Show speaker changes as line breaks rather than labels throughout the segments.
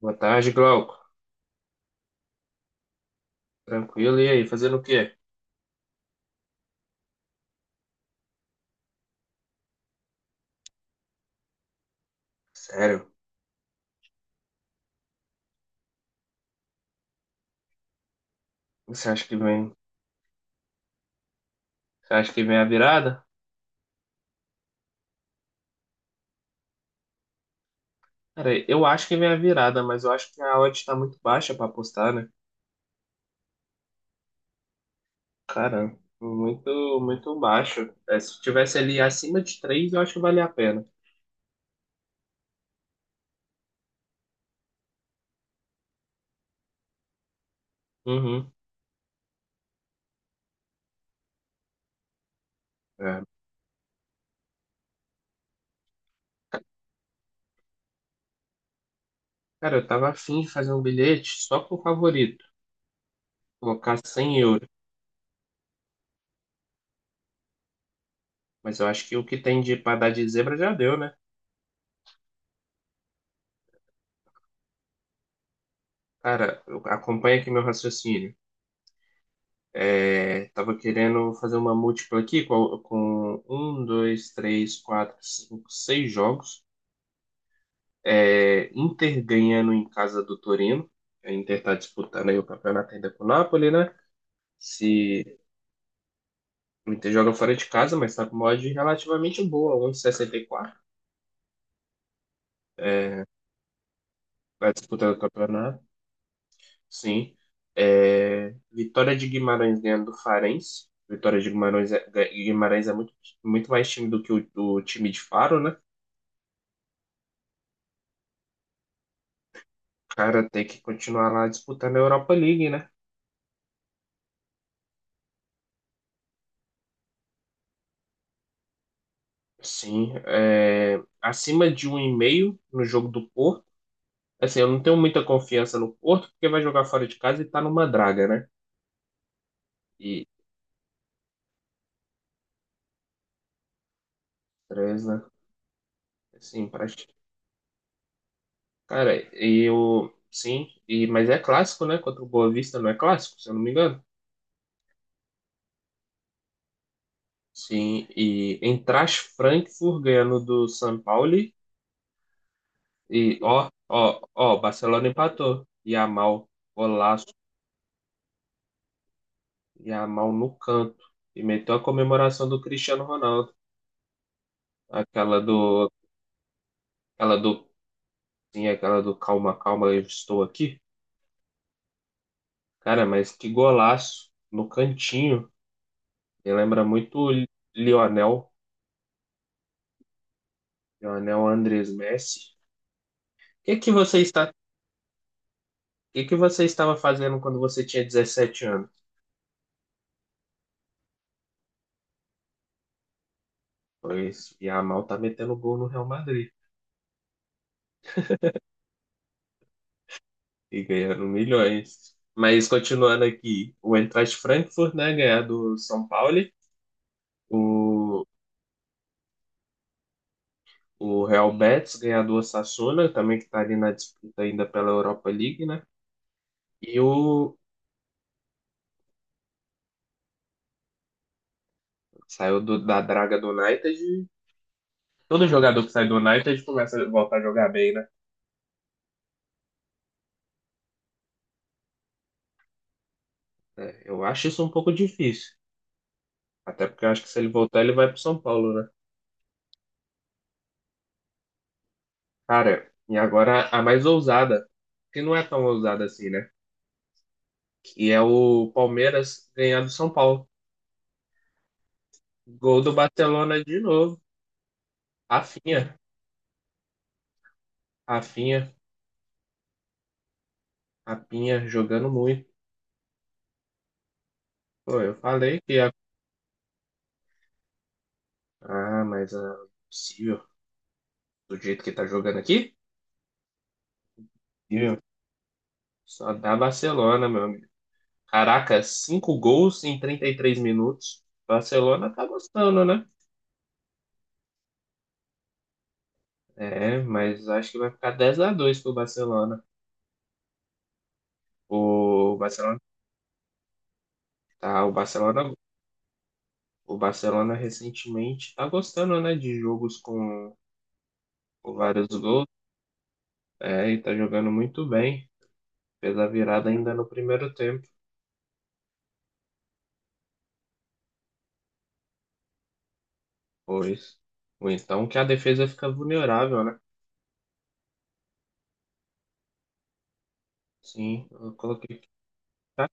Boa tarde, Glauco. Tranquilo? E aí, fazendo o quê? Sério? Você acha que vem? Você acha que vem a virada? Cara, eu acho que vem a virada, mas eu acho que a odd tá muito baixa pra apostar, né? Cara, muito, muito baixo. É, se tivesse ali acima de 3, eu acho que valia a pena. Uhum. É. Cara, eu tava afim de fazer um bilhete só pro favorito, colocar €100. Mas eu acho que o que tem de pra dar de zebra já deu, né? Cara, acompanha aqui meu raciocínio. É, tava querendo fazer uma múltipla aqui com um, dois, três, quatro, cinco, seis jogos. É, Inter ganhando em casa do Torino. A Inter está disputando aí o campeonato ainda com o Napoli, né? Se o Inter joga fora de casa, mas está com uma odd relativamente boa, um 1,64. É, vai disputando o campeonato, sim. É, Vitória de Guimarães ganhando do Farense. Vitória de Guimarães é muito, muito mais time do que o time de Faro, né? Cara, tem que continuar lá disputando a Europa League, né? Sim, é, acima de um e meio no jogo do Porto. Assim, eu não tenho muita confiança no Porto, porque vai jogar fora de casa e tá numa draga, né? E três, né? Assim, pra... Cara, e eu. Sim, e... mas é clássico, né? Contra o Boa Vista não é clássico, se eu não me engano. Sim, e Eintracht Frankfurt ganhando do São Paulo. E ó, ó, ó, Barcelona empatou. Yamal, golaço. E a mão no canto. E meteu a comemoração do Cristiano Ronaldo. Aquela do. Aquela do. Sim, aquela do calma, calma, eu estou aqui. Cara, mas que golaço no cantinho. Me lembra muito o Lionel. Lionel Andrés Messi. O que que você está. O que que você estava fazendo quando você tinha 17 anos? Pois e a mal tá metendo gol no Real Madrid e ganhando milhões. Mas continuando aqui, o Eintracht Frankfurt, né, ganhar do São Paulo, o o Real Betis, ganhador Sassuolo, também que está ali na disputa ainda pela Europa League, né? E o Saiu da draga do United. E todo jogador que sai do United começa a voltar a jogar bem, né? Eu acho isso um pouco difícil. Até porque eu acho que se ele voltar, ele vai pro São Paulo, né? Cara, e agora a mais ousada, que não é tão ousada assim, né? Que é o Palmeiras ganhar do São Paulo. Gol do Barcelona de novo. Rafinha, Rafinha, Rapinha jogando muito. Pô, eu falei que ia. Ah, mas possível. Do jeito que tá jogando aqui? Possível. Só dá Barcelona, meu amigo. Caraca, cinco gols em 33 minutos. Barcelona tá gostando, né? É, mas acho que vai ficar 10-2 pro Barcelona. O Barcelona, tá, o Barcelona, o Barcelona recentemente tá gostando, né, de jogos com vários gols. É, e tá jogando muito bem. Fez a virada ainda no primeiro tempo. Pois. Ou então que a defesa fica vulnerável, né? Sim, eu coloquei aqui, tá?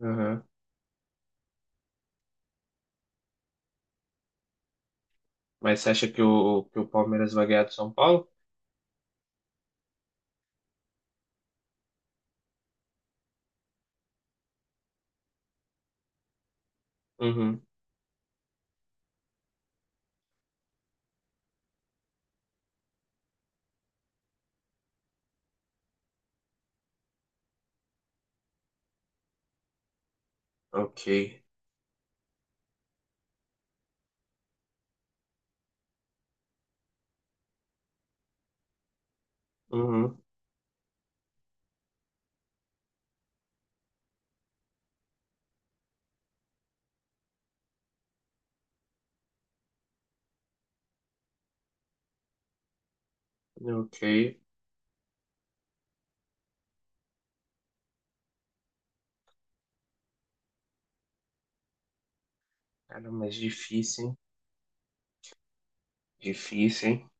Uhum. Mas você acha que o Palmeiras vai ganhar do São Paulo? Uhum. Ok. Uhum. Ok. Cara, mas difícil, hein? Difícil, hein?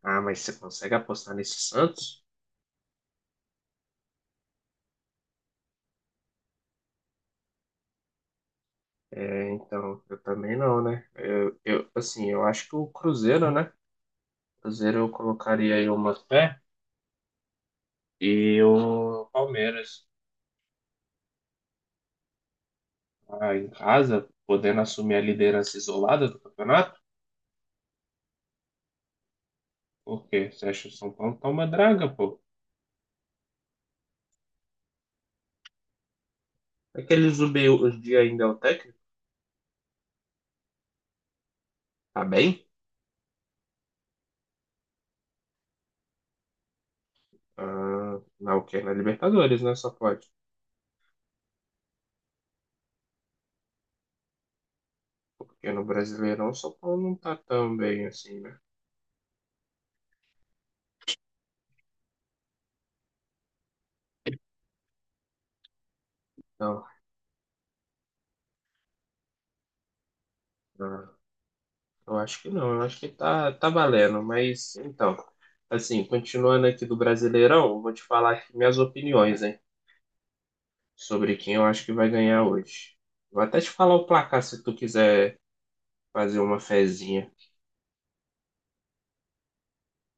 Ah, mas você consegue apostar nesse Santos? É, então, eu também não, né? Assim, eu acho que o Cruzeiro, né? Cruzeiro eu colocaria aí uma fé e o Palmeiras em casa, podendo assumir a liderança isolada do campeonato. Por quê? Você acha que o São Paulo tá uma draga, pô? Aquele Zubei hoje dia ainda é o técnico? Tá bem? Ah, na o quê? Na Libertadores, né? Só pode. Porque no Brasileirão o São Paulo não tá tão bem assim, né? Não, ah, eu acho que não. Eu acho que tá valendo. Mas, então, assim, continuando aqui do Brasileirão, eu vou te falar aqui minhas opiniões, hein? Sobre quem eu acho que vai ganhar hoje. Vou até te falar o placar se tu quiser fazer uma fezinha.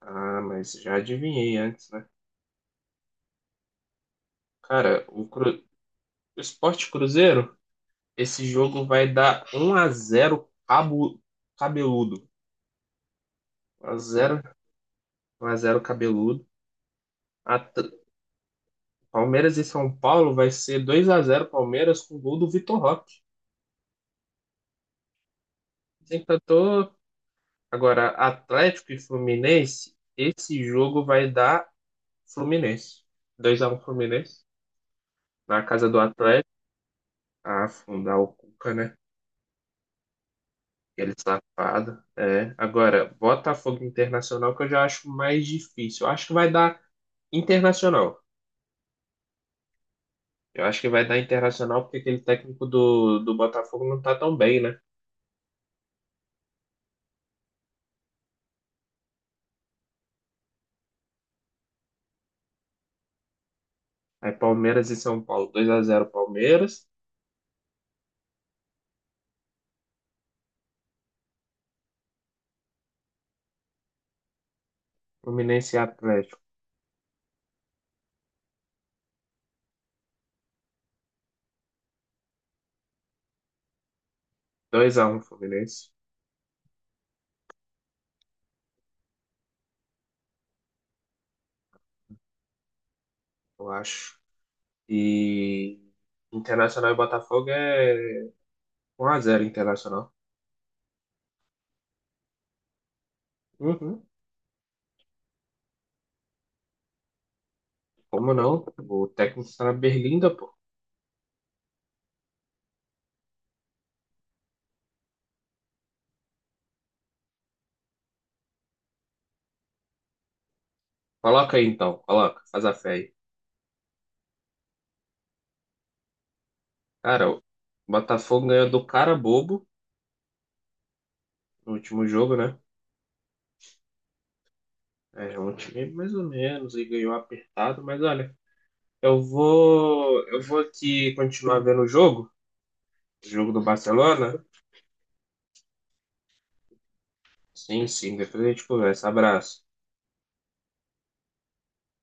Ah, mas já adivinhei antes, né? Cara, o Sport Cruzeiro. Esse jogo vai dar um a zero cabeludo. 1 a zero 1 a zero cabeludo. A t- Palmeiras e São Paulo vai ser 2-0 Palmeiras com gol do Vitor Roque. Sempre tô... Agora, Atlético e Fluminense, esse jogo vai dar Fluminense, 2-1 Fluminense na casa do Atlético. Ah, afundar o Cuca, né? Aquele safado. É. Agora, Botafogo e Internacional que eu já acho mais difícil. Eu acho que vai dar Internacional. Eu acho que vai dar Internacional porque aquele técnico do Botafogo não tá tão bem, né? Aí Palmeiras e São Paulo, 2-0 Palmeiras, Fluminense e Atlético, 2-1 Fluminense, eu acho. E Internacional e Botafogo é 1-0 Internacional. Uhum. Como não? O técnico está na Berlinda, pô. Coloca aí então, coloca, faz a fé aí. Cara, o Botafogo ganhou do cara bobo no último jogo, né? É um time mais ou menos e ganhou apertado, mas olha. Eu vou aqui continuar vendo o jogo do Barcelona. Sim, sim, depois a gente conversa. Abraço.